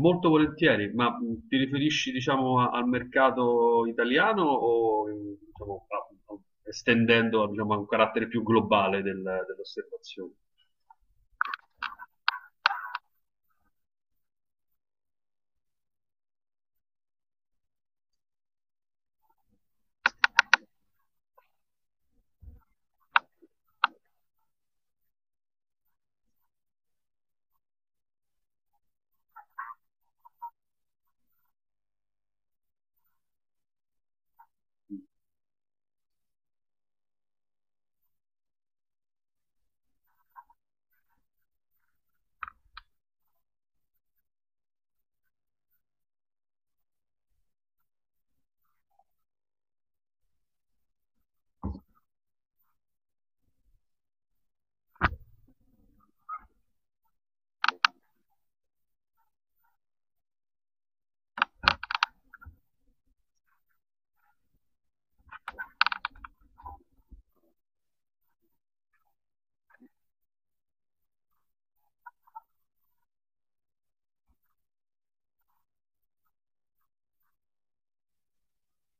Molto volentieri, ma ti riferisci, diciamo, al mercato italiano o, diciamo, estendendo, diciamo, a un carattere più globale dell'osservazione?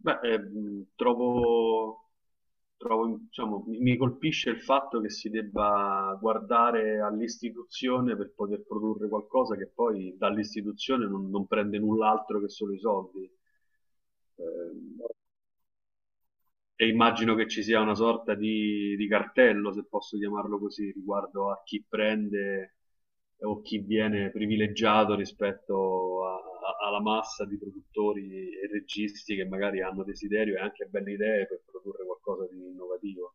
Beh, trovo, diciamo, mi colpisce il fatto che si debba guardare all'istituzione per poter produrre qualcosa che poi dall'istituzione non prende null'altro che solo i soldi. Ehm, e immagino che ci sia una sorta di cartello, se posso chiamarlo così, riguardo a chi prende o chi viene privilegiato rispetto alla massa di produttori e registi che magari hanno desiderio e anche belle idee per produrre qualcosa di innovativo.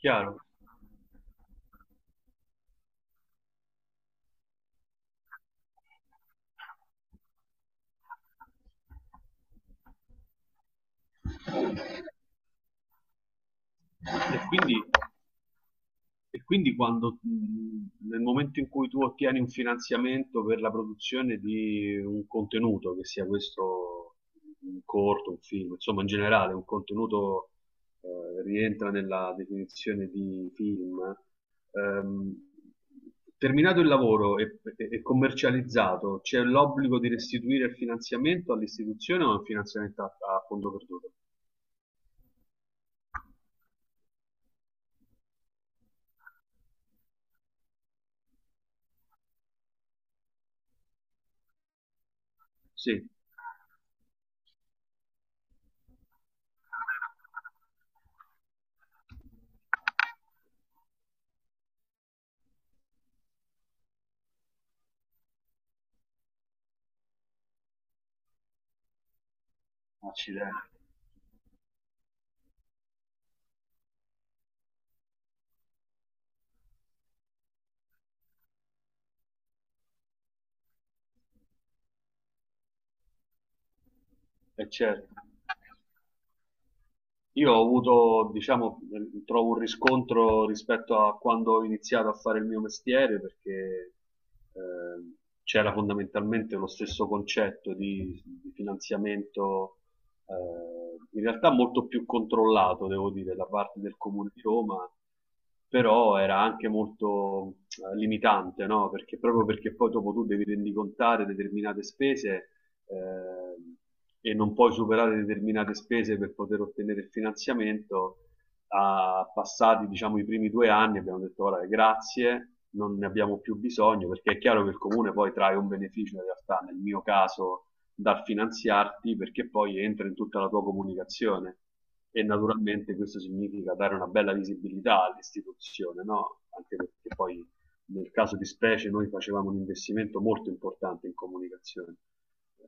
Chiaro? E quindi E quindi quando, nel momento in cui tu ottieni un finanziamento per la produzione di un contenuto, che sia questo un corto, un film, insomma in generale un contenuto rientra nella definizione di film, ehm, terminato il lavoro e, e commercializzato, c'è l'obbligo di restituire il finanziamento all'istituzione o è un finanziamento a, a fondo perduto? Sì, accidenti, è certo. Io ho avuto, diciamo, trovo un riscontro rispetto a quando ho iniziato a fare il mio mestiere, perché eh, c'era fondamentalmente lo stesso concetto di finanziamento, in realtà molto più controllato, devo dire, da parte del Comune di Roma, però era anche molto limitante, no? Perché proprio perché poi dopo tu devi rendicontare determinate spese, eh, e non puoi superare determinate spese per poter ottenere il finanziamento. A passati diciamo i primi due anni abbiamo detto guarda grazie, non ne abbiamo più bisogno perché è chiaro che il comune poi trae un beneficio in realtà, nel mio caso dal finanziarti, perché poi entra in tutta la tua comunicazione e naturalmente questo significa dare una bella visibilità all'istituzione, no? Anche perché poi nel caso di specie noi facevamo un investimento molto importante in comunicazione.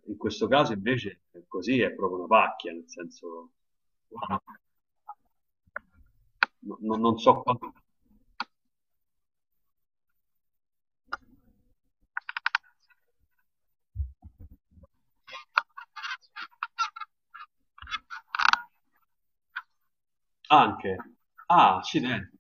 In questo caso invece così è proprio una pacchia, nel senso, no, no, non so quanto, anche, ah, accidenti.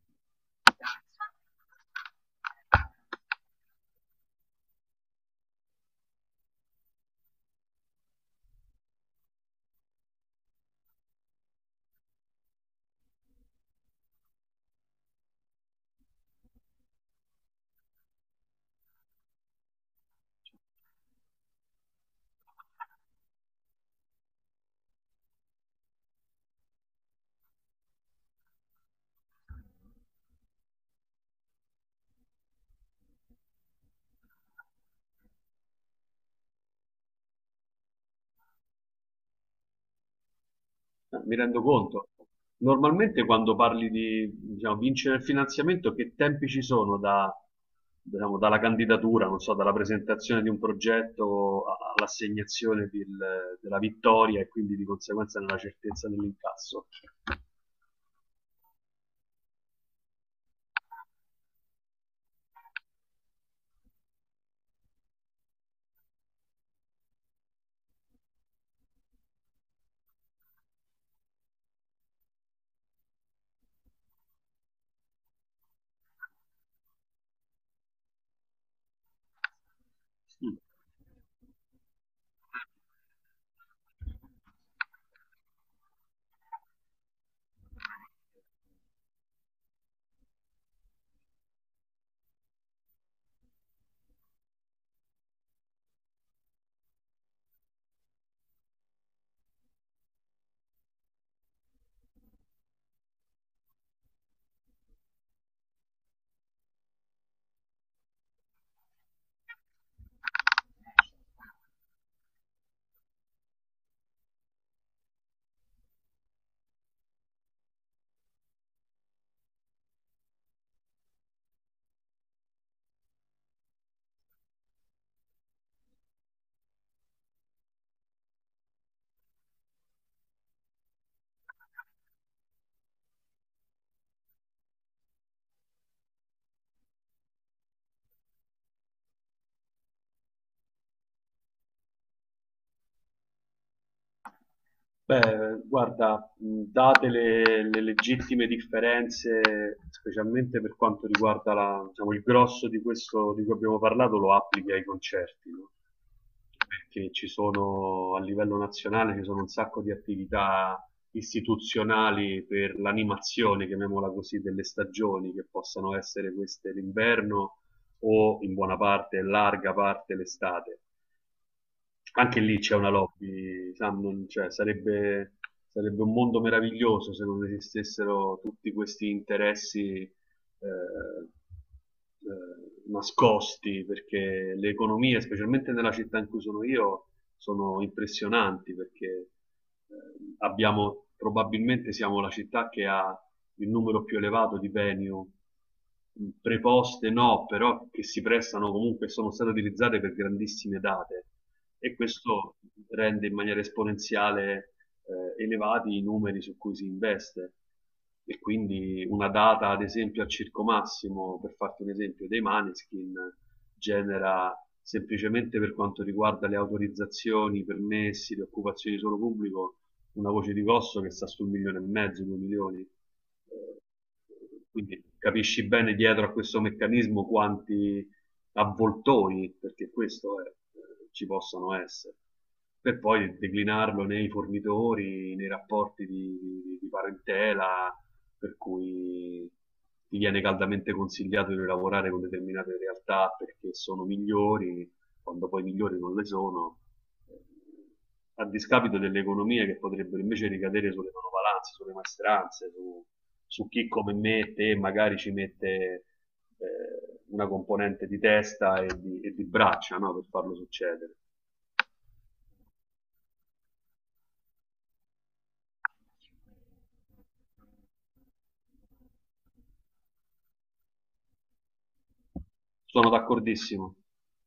Mi rendo conto. Normalmente quando parli di, diciamo, vincere il finanziamento, che tempi ci sono da, diciamo, dalla candidatura, non so, dalla presentazione di un progetto all'assegnazione della vittoria e quindi di conseguenza nella certezza dell'incasso? Mm. Beh, guarda, date le legittime differenze, specialmente per quanto riguarda diciamo, il grosso di questo di cui abbiamo parlato, lo applichi ai concerti, no? Perché ci sono a livello nazionale, ci sono un sacco di attività istituzionali per l'animazione, chiamiamola così, delle stagioni, che possano essere queste l'inverno o in buona parte, larga parte l'estate. Anche lì c'è una lobby, Sam, cioè, sarebbe, sarebbe un mondo meraviglioso se non esistessero tutti questi interessi nascosti, perché le economie, specialmente nella città in cui sono io, sono impressionanti perché eh, abbiamo probabilmente, siamo la città che ha il numero più elevato di venue preposte, no, però che si prestano comunque e sono state utilizzate per grandissime date, e questo rende in maniera esponenziale elevati i numeri su cui si investe. E quindi una data ad esempio al Circo Massimo, per farti un esempio, dei Maneskin genera, semplicemente per quanto riguarda le autorizzazioni, i permessi, le occupazioni di suolo pubblico, una voce di costo che sta su un milione e mezzo, due milioni. Quindi capisci bene dietro a questo meccanismo quanti avvoltoi, perché questo è, ci possano essere, per poi declinarlo nei fornitori, nei rapporti di, di parentela, per cui ti viene caldamente consigliato di lavorare con determinate realtà perché sono migliori, quando poi migliori non le sono, eh, a discapito delle economie che potrebbero invece ricadere sulle manovalanze, sulle maestranze, su, su chi come me, te magari ci mette una componente di testa e di braccia, no, per farlo succedere. Sono d'accordissimo.